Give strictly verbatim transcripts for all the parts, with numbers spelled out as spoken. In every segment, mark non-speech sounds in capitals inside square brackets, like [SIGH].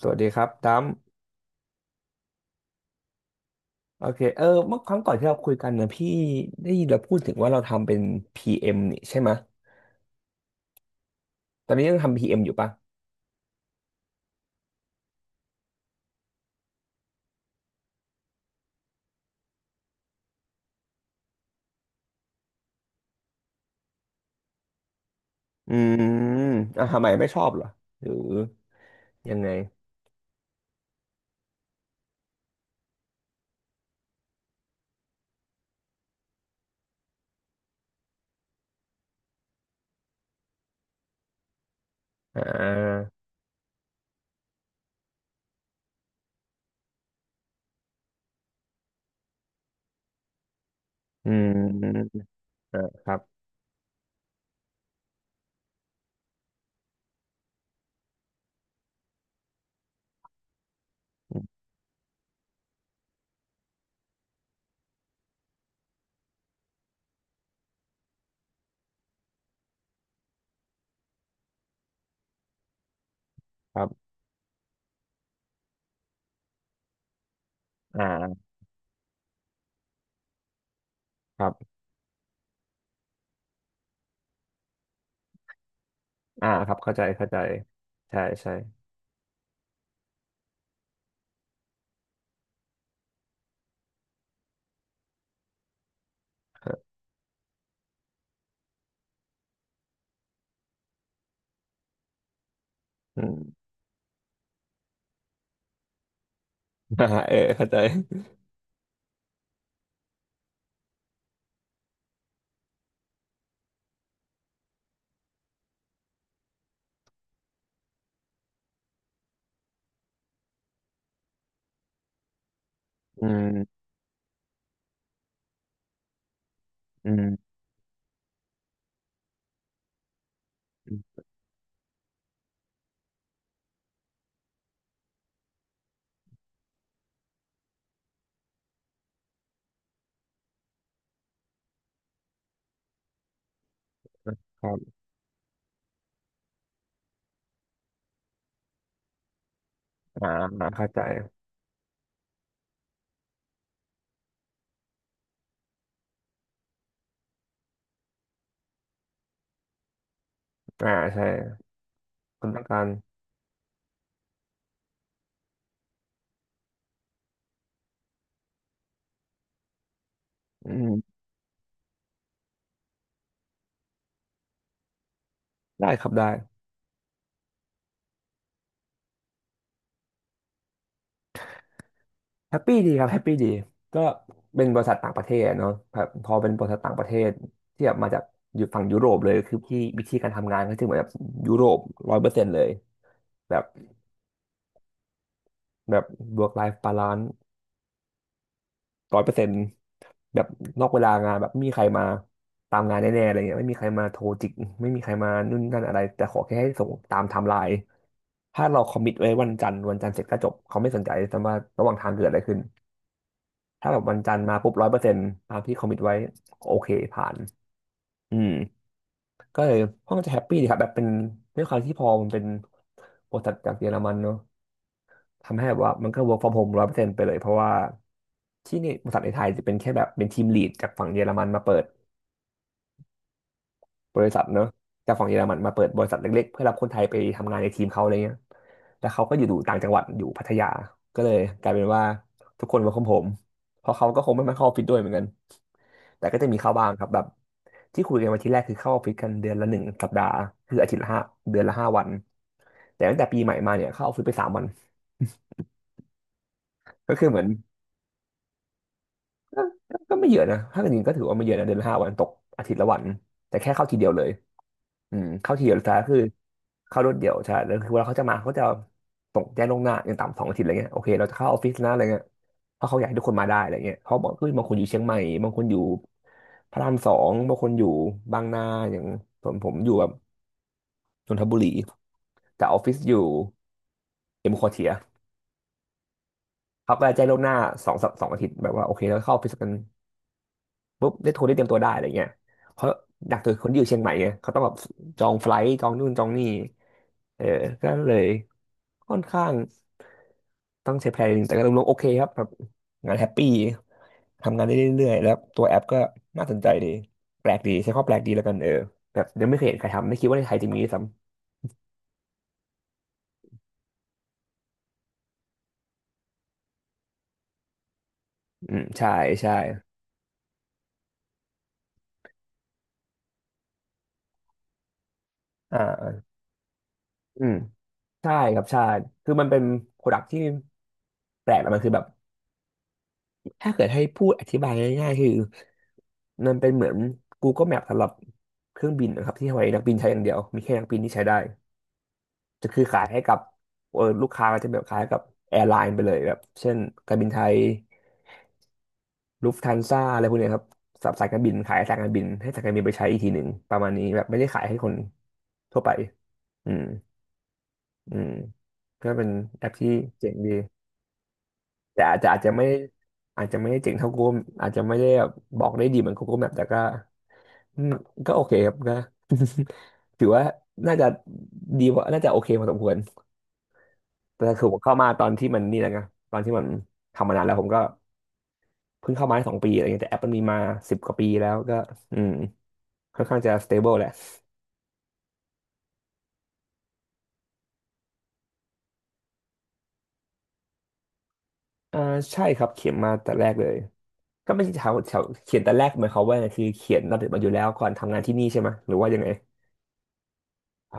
สวัสดีครับดัมโอเคเออเมื่อครั้งก่อนที่เราคุยกันนะพี่ได้ยินเราพูดถึงว่าเราทำเป็นพีเอ็ m นี่ใช่ไหมยตอนนี้ยังทำ p เอมอยู่ปะอืมอ่ะทำไมไม่ชอบเหรอหรือยังไงอ่าอืมอ่าครับครับอ่าครับอ่าครับเข้าใจเข้าใจใช่ใช่ [LAUGHS] ครับอืมอ่าเออเข้าใจอืมอืมอืมครับอ่าเข้าใจอ่าใช่คนต้องการอืมได้ครับได้ แฮปปี้ดีครับแฮปปี้ดีก็เป็นบริษัทต่างประเทศเนาะแบบพอเป็นบริษัทต่างประเทศที่แบบมาจากอยู่ฝั่งยุโรปเลยคือที่วิธีการทำงานก็จะเหมือนแบบยุโรปร้อยเปอร์เซ็นต์เลยแบบแบบ work life balance ร้อยเปอร์เซ็นต์แบบนอกเวลางานแบบไม่มีใครมาตามงานแน่ๆอะไรเงี้ยไม่มีใครมาโทรจิกไม่มีใครมานู่นนั่นอะไรแต่ขอแค่ให้ส่งตามไทม์ไลน์ถ้าเราคอมมิตไว้วันจันทร์วันจันทร์เสร็จก็จบเขาไม่สนใจแต่ว่าระหว่างทางเกิดอะไรขึ้น ถ้าแบบวันจันทร์มาปุ๊บร้อยเปอร์เซ็นต์ตามที่คอมมิตไว้โอเคผ่านอืมก็เลยห้องจะแฮปปี้ดีครับแบบเป็นด้วยความที่พอมันเป็นบริษัทจากเยอรมันเนอะทำให้แบบว่ามันก็ work from home ร้อยเปอร์เซ็นต์ไปเลยเพราะว่าที่นี่บริษัทในไทยจะเป็นแค่แบบเป็นทีมลีดจากฝั่งเยอรมันมาเปิด บริษัทเนอะจากฝั่งเยอรมันมาเปิดบริษัทเล็กๆเพื่อรับคนไทยไปทำงานในทีมเขาอะไรเงี้ยแล้วเขาก็อยู่ต่างจังหวัดอยู่พัทยาก็เลยกลายเป็นว่าทุกคน work from home เพราะเขาก็คงไม่มาเข้าออฟฟิศด้วยเหมือนกันแต่ก็จะมีเข้าบ้างครับแบบที่คุยกันวันที่แรกคือเข้าออฟฟิศกันเดือนละหนึ่งสัปดาห์คืออาทิตย์ละห้าเดือนละห้าวันแต่ตั้งแต่ปีใหม่มาเนี่ยเข้าออฟฟิศไปสามวันก็คือเหมือน ก็ก็ไม่เยอะนะถ้าเกิดจริงก็ถือว่าไม่เยอะนะเดือนละห้าวันตกอาทิตย์ละวันแต่แค่เข้าทีเดียวเลยอืมเข้าทีเดียวซะคือเข้ารวดเดียวใช่แล้วคือเวลาเขาจะมาเขาจะส่งแจ้งล่วงหน้าอย่างต่ำสองอาทิตย์อะไรเงี้ยโอเคเราจะเข้าออฟฟิศนะอะไรเงี้ยเพราะเขาอยากให้ทุกคนมาได้อะไรเงี้ยเพราะบอกเฮ้อบางคนอยู่เชียงใหม่บางคนอยู่พระรามสองบางคนอยู่บางนาอย่างผมผมอยู่แบบนนทบุรีแต่ออฟฟิศอยู่เอ็มควอเทียเขาก็จะแจ้งล่วงหน้าสองสองอาทิตย์แบบว่าโอเคเราเข้าออฟฟิศกัน ปุ๊บได้โทรได้เตรียมตัวได้อะไรเงี้ยเพราะักสุดคนที่อยู่เชียงใหม่ไงเขาต้องแบบจองไฟลท์จองนู่นจองนี่เออก็เลยค่อนข้างต้องใช้แพลนนิดนึงแต่ก็รวมๆโอเคครับแบบงานแฮปปี้ทำงานได้เรื่อยๆแล้วตัวแอปก็น่าสนใจดีแปลกดีใช้คำว่าแปลกดีแล้วกันเออแบบยังไม่เคยเห็นใครทำไม่คิดว่าในไทยจะมีด้วยซ้ำอืมใช่ใช่อ่าอืมใช่ครับใช่คือมันเป็นโปรดักที่แปลกแล้วมันคือแบบถ้าเกิดให้พูดอธิบายง่ายๆคือ นั่นเป็นเหมือน Google Map สำหรับเครื่องบินนะครับที่ไว้นักบินใช้อย่างเดียวมีแค่นักบินที่ใช้ได้จะคือขายให้กับเออลูกค้าก็จะแบบขายให้กับแอร์ไลน์ไปเลยแบบเช่นการบินไทยลูฟทันซ่าอะไรพวกเนี้ยครับสำหรับสายการบินขายให้สายการบินให้สายการบินไปใช้อีกทีหนึ่งประมาณนี้แบบไม่ได้ขายให้คนทั่วไปอืมอืมก็เป็นแอปที่เจ๋งดีแต่อาจจะอาจจะไม่อาจจะไม่ได้เจ๋งเท่า Google อาจจะไม่ได้แบบบอกได้ดีเหมือน Google Map แต่ก็อืมก็โอเคครับก็ ถือว่าน่าจะดีกว่าน่าจะโอเคพอสมควรแต่คือผมเข้ามาตอนที่มันนี่แหละไงตอนที่มันทำมานานแล้วผมก็เพิ่งเข้ามาได้สองปีอะไรเงี้ยแต่แอปมันมีมาสิบกว่าปีแล้วก็อืมค่อนข้างจะสเตเบิลแหละอ่าใช่ครับเขียนมาแต่แรกเลยก็ไม่ใช่แถวแถวเขียนแต่แรกหมายความว่าไงคือเขียนระเบียบมาอยู่แล้วก่อนทำงานที่นี่ใช่ไหมหรือว่ายังไงอ่า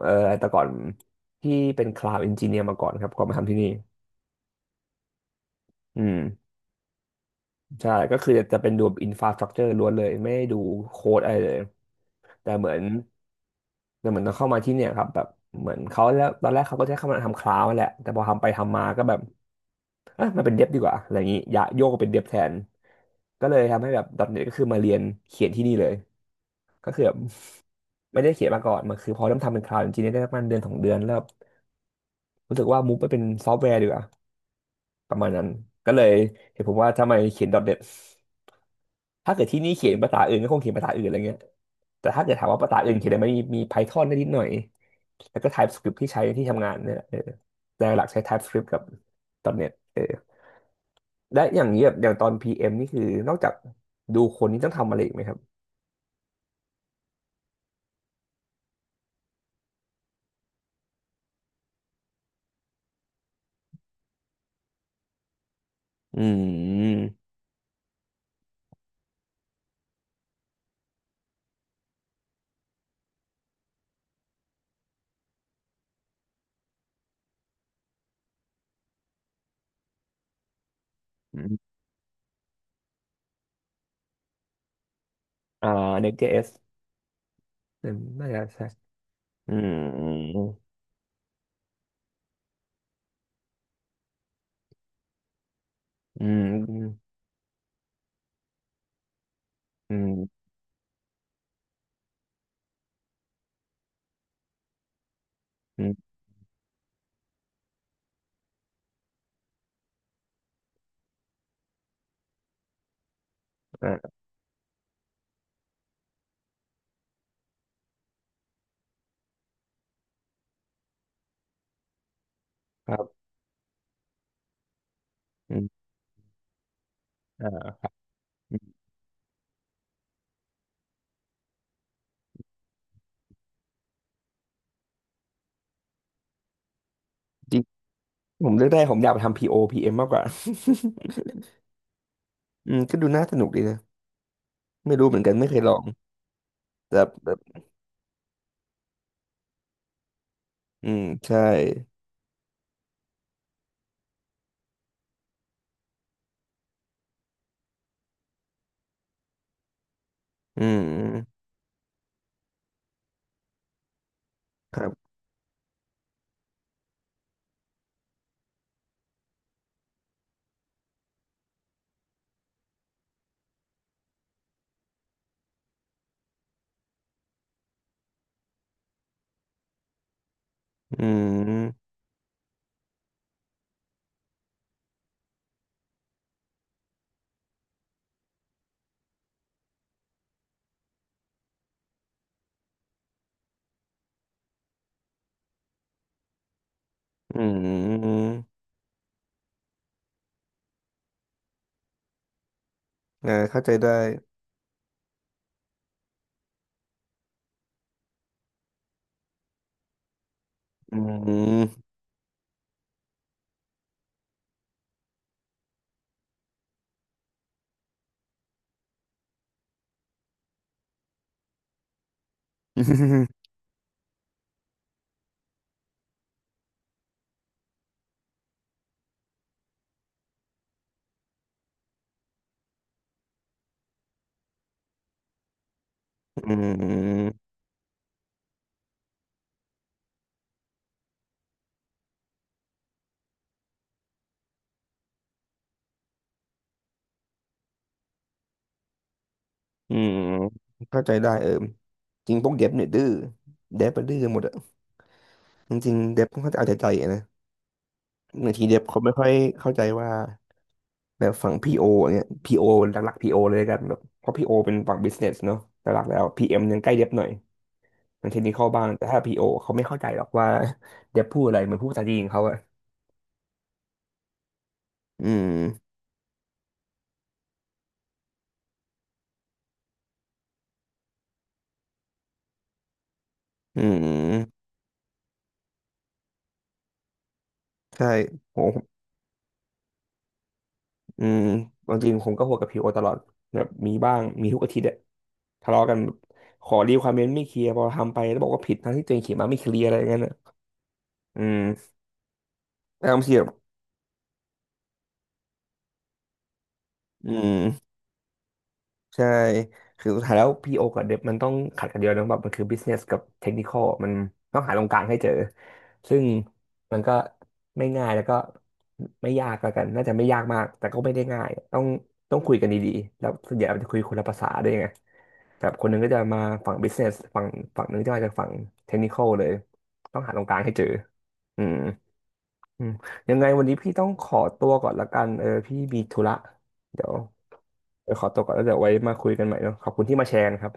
เออแต่ก่อนพี่เป็นคลาวด์เอนจิเนียร์มาก่อนครับก่อนมาทำที่นี่อืม ใช่ก็คือจะเป็นดูอินฟราสตรักเจอร์ล้วนเลยไม่ได้ดูโค้ดอะไรเลยแต่เหมือนแต่เหมือนเอาเข้ามาที่เนี่ยครับแบบเหมือนเขาแล้วตอนแรกเขาก็จะให้เข้ามาทำคลาวด์นั่นแหละแต่พอทำไปทำมาก็แบบเอ่ะมันเป็นเดบดีกว่าอะไรอย่างนี้อย่าโยกมาเป็นเดบแทนก็เลยทำให้แบบดอทเน็ตก็คือมาเรียนเขียนที่นี่เลยก็คือแบบไม่ได้เขียนมาก่อนมันคือพอเริ่มทำเป็นคลาวด์จริงๆได้ประมาณเดือนสองเดือนแล้วแบบรู้สึกว่ามูฟไปเป็นซอฟต์แวร์ดีกว่าประมาณนั้นก็เลยเห็นผมว่าทำไมเขียนดอทเน็ต ถ้าเกิดที่นี่เขียนภาษาอื่นก็คงเขียนภาษาอื่นอะไรเงี้ยแต่ถ้าเกิดถามว่าภาษาอื่นเขียนอะไรไหมมีมี Python ได้นิดหน่อย แล้วก็ TypeScript ที่ใช้ที่ทำงานเนี่ยแเออแต่หลักใช้ TypeScript กับตอนตเออได้อย่างนี้แบบอย่างตอน พี เอ็ม นี่คือนอกจากดูคนนี่ต้องทำอะไรอีกไหมครับอืมอมอ่า Next.js อืมน่าจะใช่อืมอืมอืมอืมอืมอ่าครับอืมอ่าจริงผมเลือกได้ผมอยากไปทำ พี โอ พี เอ็ม มมากกว่า [LAUGHS] อืมก็ดูน่าสนุกดีนะ ไม่รู้เหมือนกันไม่เคยลองแต่แบบอืมใช่อืมครับอืมอืมอ่าเข้าใจได้อืม [LAUGHS] อืมอืมเข้าใจได้เออจริงพวกเด็บเนี่ยดื้อเด็บมันดื้อกันหมดอะจริงๆเด็บค่อนข้างจะเอาใจใจอะนะบางทีเด็บเขาไม่ค่อยเข้าใจว่าแบบฝั่งพีโอเนี่ยพีโอหลักๆพีโอเลยกันแบบเพราะพีโอเป็นฝั่งบิสเนสเนาะหลักๆแล้วพีเอ็มยังใกล้เด็บหน่อย มันเทคนิคเข้าบ้างแต่ถ้าพีโอเขาไม่เข้าใจหรอกว่า [LAUGHS] เดฟพูดอะไรเหมือนพูดภาษาจีนเขาอะอืมอืมใช่โหอืมความจริงผมก็หัวกับพีโอตลอดแบบมีบ้างมีทุกอาทิตย์อะทะเลาะกันขอรีควอร e เมนต์ไม่เคลียร์พอทำไปแล้วบอกว่าผิดทั้งที่ตัวเองเขียนมาไม่เคลียร์อะไรอย่างเงี้ยน่ะอืมแล้วบางทีแบบอืม ใช่คือสุดท้ายแล้วพีโอกับเดฟมันต้องขัดกันเดียวนะแบบมันคือบิสเนสกับเทคนิค a l มันต้องหาตรงกลางให้เจอซึ่งมันก็ไม่ง่ายแล้วก็ไม่ยากแล้วกันน่าจะไม่ยากมากแต่ก็ไม่ได้ง่ายต้องต้องคุยกันดีๆแล้วส่วนใหญ่มันจะคุยคนละภาษาด้วยไงแบบคนหนึงก็จะมาฝั่งบิสเนสฝั่งฝั่งหนึงจะมาจากฝั่งเทคนิค a l เลยต้องหาตรงกลางให้เจออืมอืมยังไงวันนี้พี่ต้องขอตัวก่อนละกันเออพี่มีธุระเดี๋ยว เดี๋ยวขอตัวก่อนแล้วเดี๋ยวไว้มาคุยกันใหม่เนอะขอบคุณที่มาแชร์นะครับ